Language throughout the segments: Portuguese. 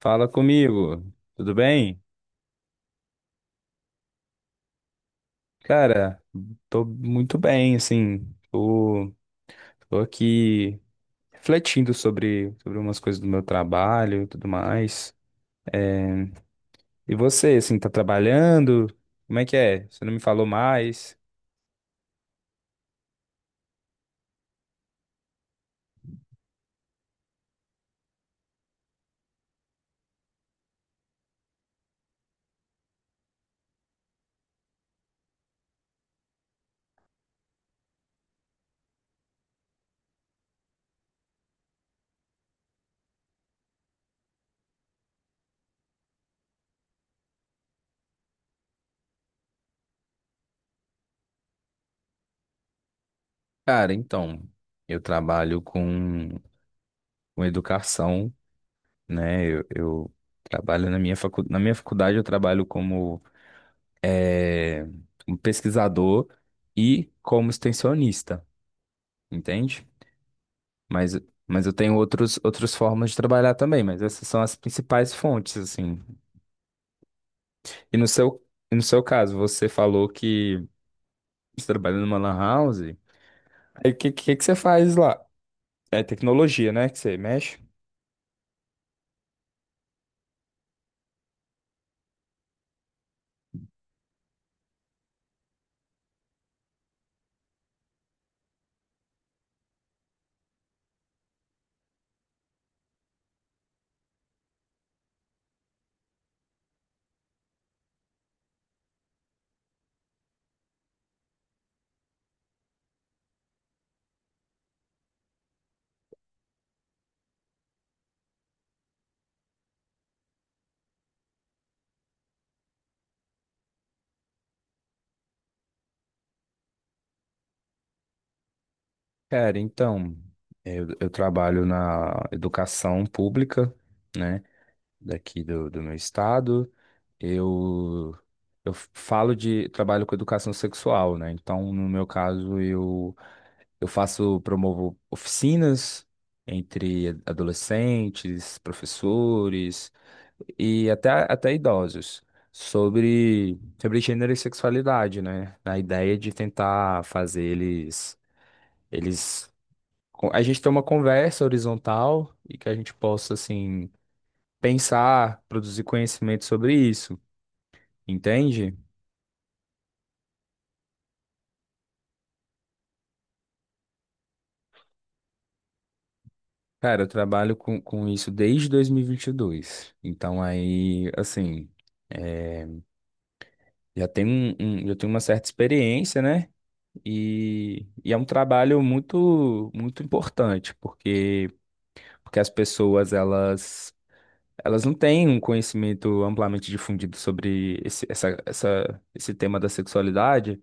Fala comigo, tudo bem? Cara, tô muito bem, assim, tô, tô aqui refletindo sobre umas coisas do meu trabalho e tudo mais. E você, assim, tá trabalhando? Como é que é? Você não me falou mais? Cara, então, eu trabalho com educação, né? Eu trabalho na minha facu... na minha faculdade, eu trabalho como eh, um pesquisador e como extensionista, entende? Mas, mas eu tenho outras formas de trabalhar também, mas essas são as principais fontes, assim. E no seu, e no seu caso, você falou que você trabalha numa lan house. Aí o que você faz lá? É tecnologia, né? Que você mexe? Cara, então, eu trabalho na educação pública, né? Daqui do meu estado. Eu, eu falo de, trabalho com educação sexual, né? Então, no meu caso, eu faço, promovo oficinas entre adolescentes, professores e até idosos sobre gênero e sexualidade, né? Na ideia de tentar fazer eles. A gente ter uma conversa horizontal e que a gente possa, assim, pensar, produzir conhecimento sobre isso, entende? Cara, eu trabalho com isso desde dois mil e vinte e dois. Então aí, assim... é, Já tem já tem uma certa experiência, né? E é um trabalho muito importante, porque, porque as pessoas, elas não têm um conhecimento amplamente difundido sobre esse tema da sexualidade,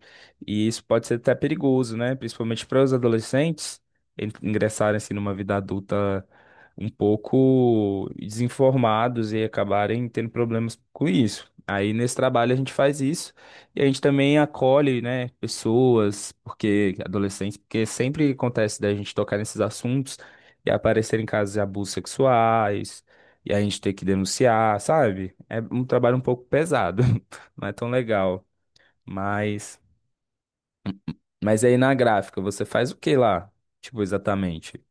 e isso pode ser até perigoso, né? Principalmente para os adolescentes ingressarem assim, numa vida adulta um pouco desinformados e acabarem tendo problemas com isso. Aí nesse trabalho a gente faz isso e a gente também acolhe, né, pessoas, porque adolescentes, porque sempre acontece da gente tocar nesses assuntos e aparecerem casos de abusos sexuais e a gente ter que denunciar, sabe? É um trabalho um pouco pesado, não é tão legal. Mas, mas aí na gráfica, você faz o que lá? Tipo, exatamente.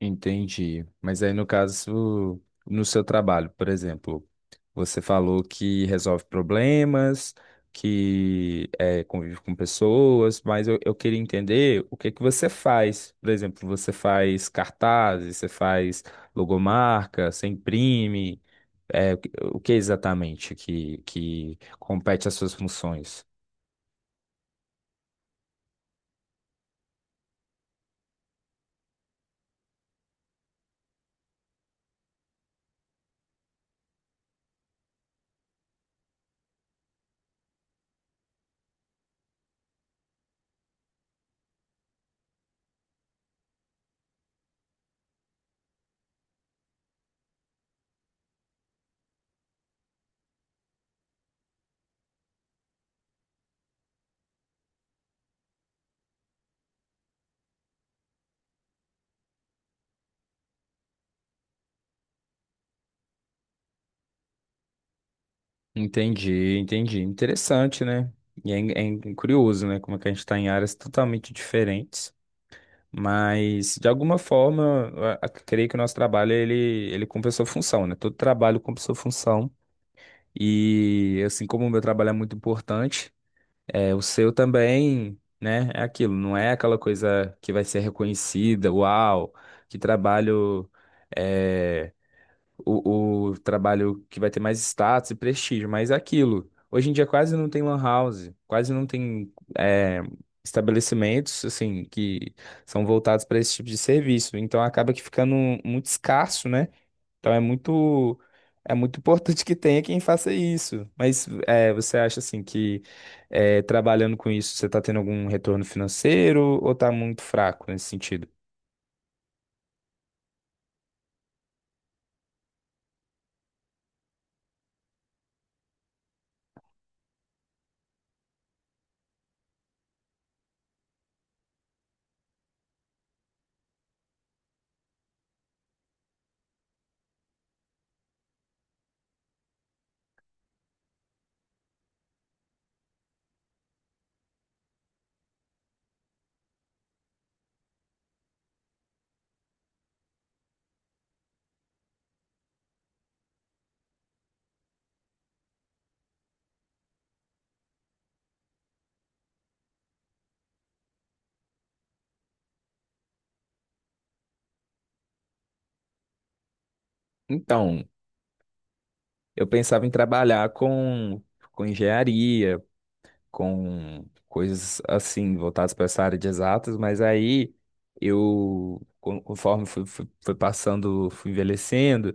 Entendi. Mas aí, no caso, no seu trabalho, por exemplo, você falou que resolve problemas, que é, convive com pessoas, mas eu queria entender o que que você faz. Por exemplo, você faz cartazes, você faz logomarca, você imprime. É, o que exatamente que compete às suas funções? Entendi, entendi. Interessante, né? E é, é curioso, né? Como é que a gente está em áreas totalmente diferentes. Mas, de alguma forma, creio que o nosso trabalho, ele cumpre a sua função, né? Todo trabalho cumpre a sua função. E, assim como o meu trabalho é muito importante, é, o seu também, né? É aquilo, não é aquela coisa que vai ser reconhecida, uau, que trabalho é, o trabalho que vai ter mais status e prestígio, mas é aquilo. Hoje em dia quase não tem lan house, quase não tem é, estabelecimentos assim que são voltados para esse tipo de serviço. Então acaba que ficando muito escasso, né? Então é muito é muito importante que tenha quem faça isso. Mas é, você acha assim que é, trabalhando com isso você está tendo algum retorno financeiro ou está muito fraco nesse sentido? Então, eu pensava em trabalhar com engenharia, com coisas assim, voltadas para essa área de exatas, mas aí conforme fui passando, fui envelhecendo,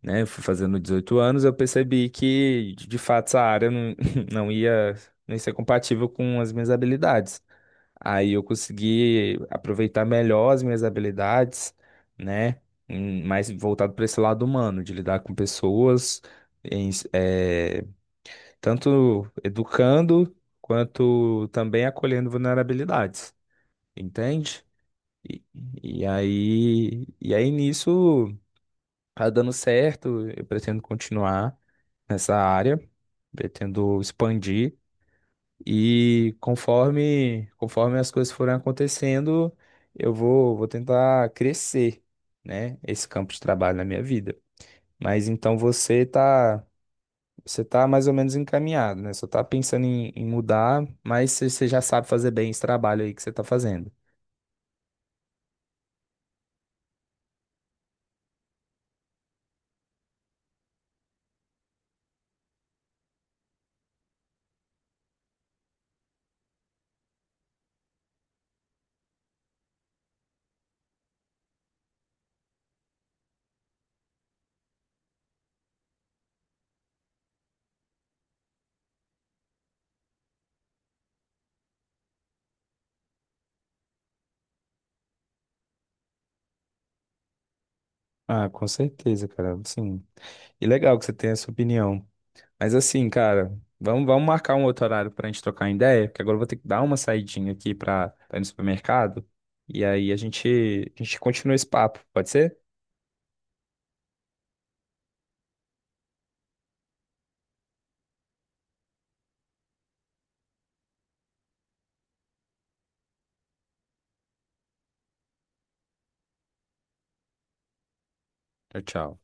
né, fui fazendo 18 anos, eu percebi que, de fato, essa área não, não ia, não ia ser compatível com as minhas habilidades. Aí eu consegui aproveitar melhor as minhas habilidades, né, mais voltado para esse lado humano, de lidar com pessoas, em, tanto educando quanto também acolhendo vulnerabilidades, entende? E, e aí nisso tá dando certo, eu pretendo continuar nessa área, pretendo expandir e conforme as coisas forem acontecendo, eu vou tentar crescer, né, esse campo de trabalho na minha vida. Mas então você tá Você tá mais ou menos encaminhado, né? Só tá pensando em mudar, mas você já sabe fazer bem esse trabalho aí que você tá fazendo. Ah, com certeza, cara. Sim. E legal que você tenha essa opinião. Mas assim, cara, vamos marcar um outro horário pra gente trocar ideia, porque agora eu vou ter que dar uma saidinha aqui pra ir no supermercado. E aí a gente continua esse papo, pode ser? Tchau, tchau.